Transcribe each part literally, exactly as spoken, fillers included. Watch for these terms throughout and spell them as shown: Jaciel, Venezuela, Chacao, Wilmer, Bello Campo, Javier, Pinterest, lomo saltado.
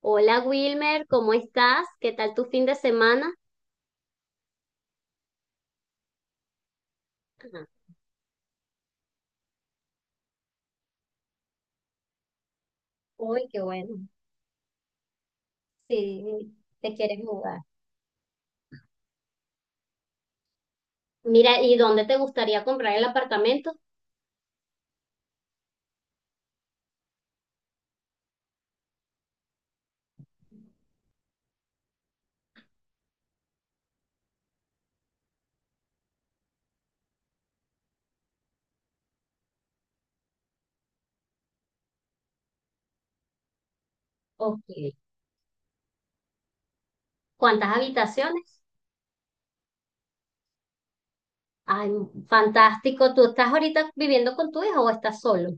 Hola Wilmer, ¿cómo estás? ¿Qué tal tu fin de semana? Ajá. Uy, qué bueno. Sí, ¿te quieres mudar? Mira, ¿y dónde te gustaría comprar el apartamento? Ok. ¿Cuántas habitaciones? Ay, fantástico. ¿Tú estás ahorita viviendo con tu hijo o estás solo?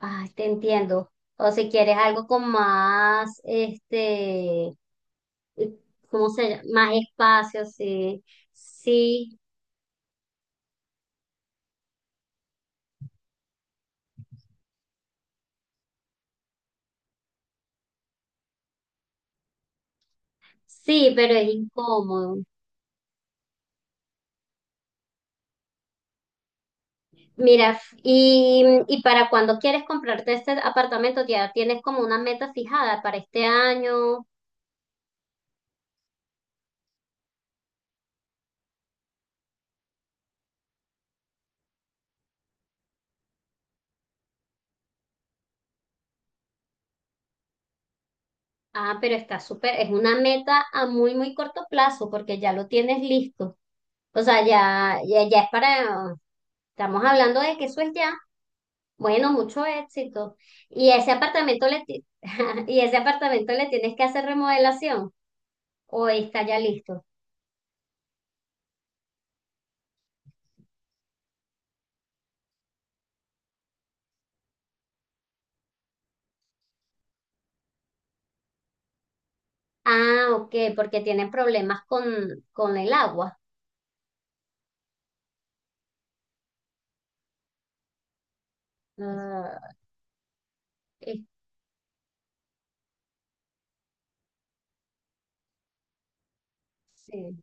Ay, te entiendo. O si quieres algo con más, este, ¿cómo se llama? Más espacio, sí. Sí, sí, pero es incómodo. Mira, y, y para cuando quieres comprarte este apartamento, ya tienes como una meta fijada para este año. Ah, pero está súper, es una meta a muy, muy corto plazo porque ya lo tienes listo. O sea, ya, ya, ya es para, estamos hablando de que eso es ya. Bueno, mucho éxito. ¿Y ese apartamento le, ti- y ese apartamento le tienes que hacer remodelación o está ya listo? Ah, ok, porque tienen problemas con, con el agua. Ah, eh, sí.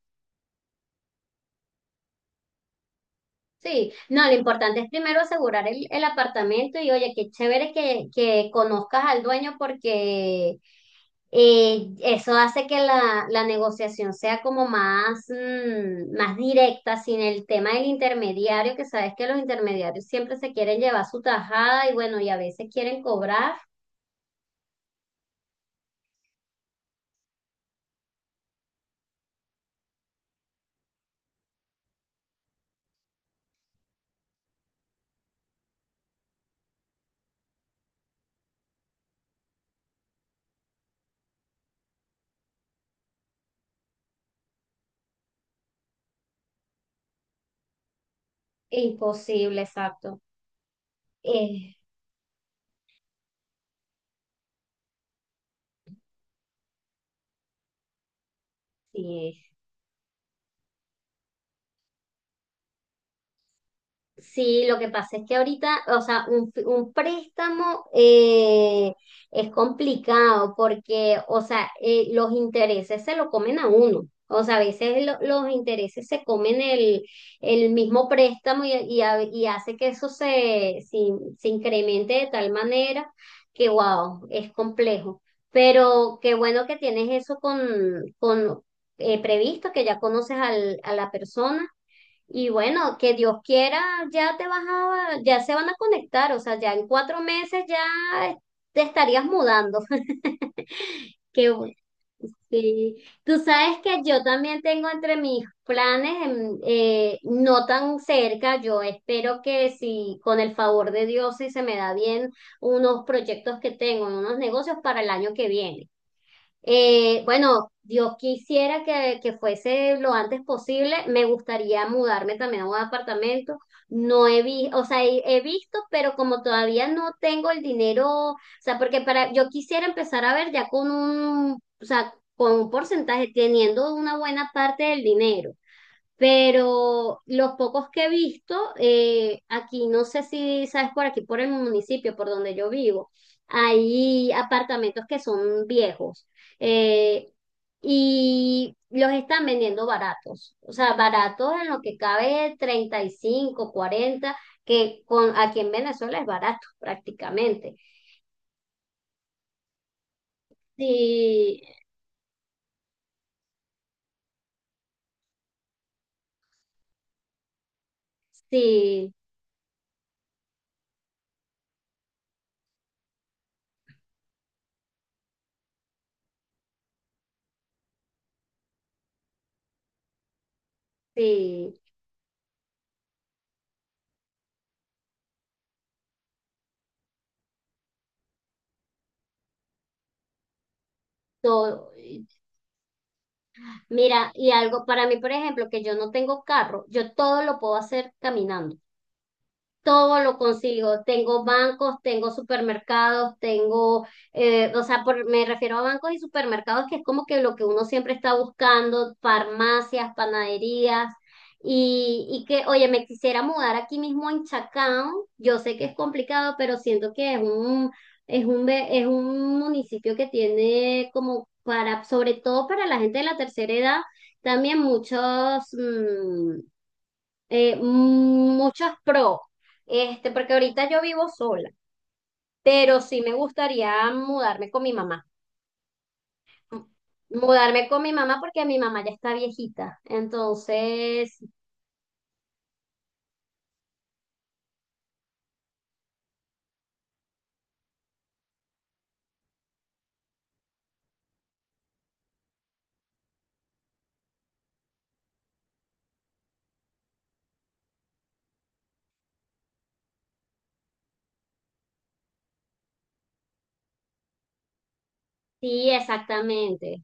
Sí, no, lo importante es primero asegurar el, el apartamento y oye, qué chévere que, que conozcas al dueño porque eh, eso hace que la, la negociación sea como más, mm, más directa, sin el tema del intermediario, que sabes que los intermediarios siempre se quieren llevar su tajada y bueno, y a veces quieren cobrar. Imposible, exacto. Eh, sí, sí, lo que pasa es que ahorita, o sea, un, fi- un préstamo eh, es complicado porque, o sea, eh, los intereses se lo comen a uno. O sea, a veces lo- los intereses se comen el, el mismo préstamo y, y, a- y hace que eso se, se, se incremente de tal manera que, wow, es complejo. Pero qué bueno que tienes eso con, con eh, previsto, que ya conoces al, a la persona y bueno, que Dios quiera, ya te vas a, ya se van a conectar, o sea, ya en cuatro meses ya te estarías mudando. Qué bueno. Sí. Tú sabes que yo también tengo entre mis planes, em, eh, no tan cerca, yo espero que si con el favor de Dios, si se me da bien, unos proyectos que tengo, unos negocios para el año que viene. Eh, bueno, Dios quisiera que, que fuese lo antes posible. Me gustaría mudarme también a un apartamento. No he visto, o sea, he, he visto, pero como todavía no tengo el dinero, o sea, porque para, yo quisiera empezar a ver ya con un, o sea, con un porcentaje, teniendo una buena parte del dinero. Pero los pocos que he visto, eh, aquí no sé si sabes por aquí, por el municipio, por donde yo vivo, hay apartamentos que son viejos eh, y los están vendiendo baratos. O sea, baratos en lo que cabe treinta y cinco cuarenta que con, aquí en Venezuela es barato prácticamente. Sí, sí, sí. Todo, Mira, y algo para mí, por ejemplo, que yo no tengo carro, yo todo lo puedo hacer caminando. Todo lo consigo. Tengo bancos, tengo supermercados, tengo, eh, o sea, por- me refiero a bancos y supermercados, que es como que lo que uno siempre está buscando, farmacias, panaderías, y, y que, oye, me quisiera mudar aquí mismo en Chacao. Yo sé que es complicado, pero siento que es un, es un, ve- es un municipio que tiene como para, sobre todo para la gente de la tercera edad, también muchos, mm, eh, muchos pro, este, porque ahorita yo vivo sola, pero sí me gustaría mudarme con mi mamá. Mudarme con mi mamá porque mi mamá ya está viejita. Entonces, sí, exactamente.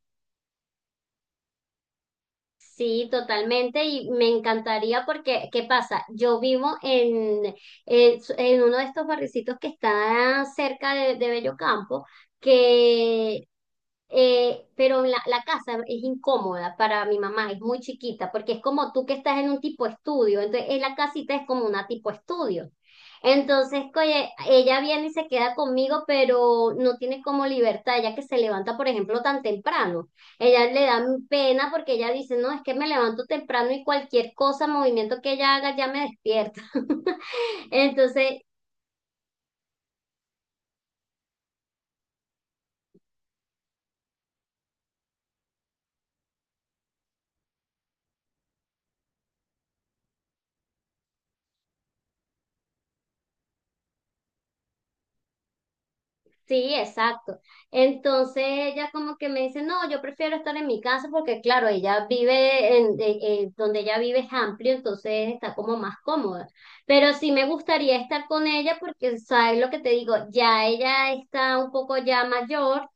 Sí, totalmente. Y me encantaría porque, ¿qué pasa? Yo vivo en, en, en uno de estos barricitos que está cerca de, de Bello Campo, que Eh, pero la, la casa es incómoda para mi mamá, es muy chiquita, porque es como tú que estás en un tipo estudio, entonces eh, la casita es como una tipo estudio. Entonces, oye, ella viene y se queda conmigo, pero no tiene como libertad, ya que se levanta, por ejemplo, tan temprano. Ella le da pena porque ella dice, no, es que me levanto temprano y cualquier cosa, movimiento que ella haga, ya me despierta. Entonces, sí, exacto. Entonces ella como que me dice, no, yo prefiero estar en mi casa porque claro, ella vive en, de- eh, donde ella vive es amplio, entonces está como más cómoda. Pero sí me gustaría estar con ella porque, ¿sabes lo que te digo? Ya ella está un poco ya mayor.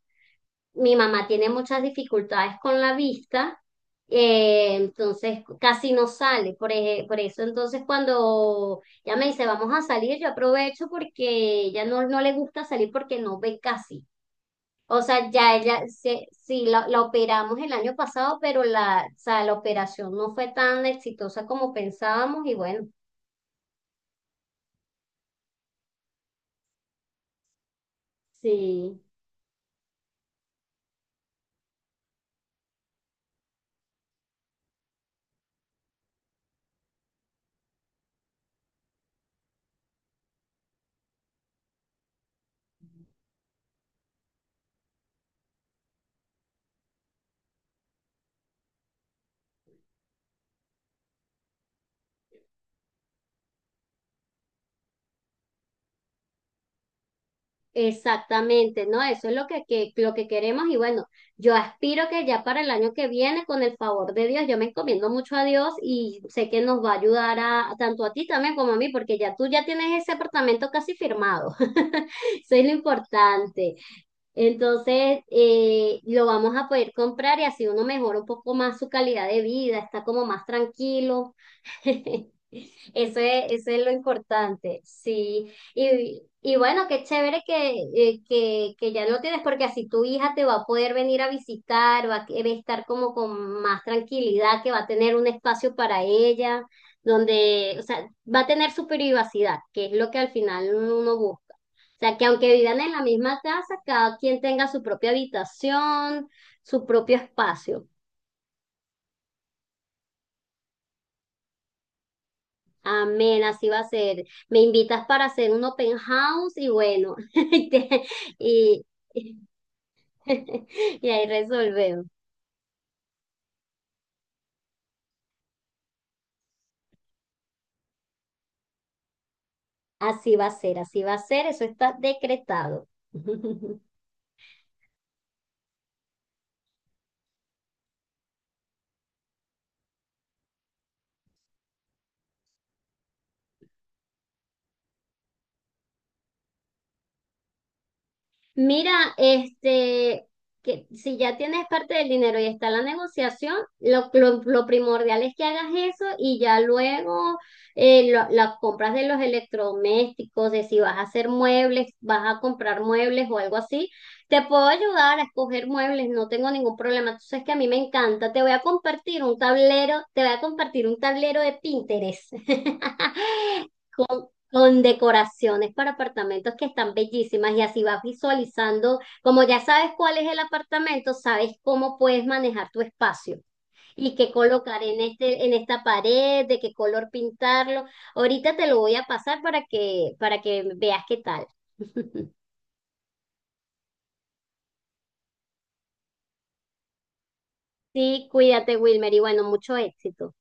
Mi mamá tiene muchas dificultades con la vista, eh, entonces casi no sale. Por, eje- por eso entonces cuando ya me dice vamos a salir, yo aprovecho porque ella no, no le gusta salir porque no ve casi. O sea, ya ella, se, sí, la, la operamos el año pasado, pero la, o sea, la operación no fue tan exitosa como pensábamos y bueno, sí. Exactamente, ¿no? Eso es lo que, que- lo que queremos y bueno, yo aspiro que ya para el año que viene, con el favor de Dios, yo me encomiendo mucho a Dios y sé que nos va a ayudar a, tanto a ti también como a mí, porque ya tú ya tienes ese apartamento casi firmado. Eso es lo importante. Entonces, eh, lo vamos a poder comprar y así uno mejora un poco más su calidad de vida, está como más tranquilo. Eso es, eso es lo importante, sí. Y, y bueno, qué chévere que, eh, que, que ya lo tienes, porque así tu hija te va a poder venir a visitar, va a, que- va a estar como con más tranquilidad, que va a tener un espacio para ella, donde, o sea, va a tener su privacidad, que es lo que al final uno busca. O sea, que aunque vivan en la misma casa, cada quien tenga su propia habitación, su propio espacio. Amén, así va a ser. Me invitas para hacer un open house y bueno, y, te- y- y ahí resolvemos. Así va a ser, así va a ser, eso está decretado. Mira, este, que si ya tienes parte del dinero y está la negociación, lo, lo- lo primordial es que hagas eso y ya luego eh, lo- las compras de los electrodomésticos, de si vas a hacer muebles, vas a comprar muebles o algo así, te puedo ayudar a escoger muebles, no tengo ningún problema. Tú sabes que a mí me encanta, te voy a compartir un tablero, te voy a compartir un tablero de Pinterest. con decoraciones para apartamentos que están bellísimas y así vas visualizando, como ya sabes cuál es el apartamento, sabes cómo puedes manejar tu espacio y qué colocar en este, en esta pared, de qué color pintarlo. Ahorita te lo voy a pasar para que, para que veas qué tal. Sí, cuídate, Wilmer, y bueno, mucho éxito.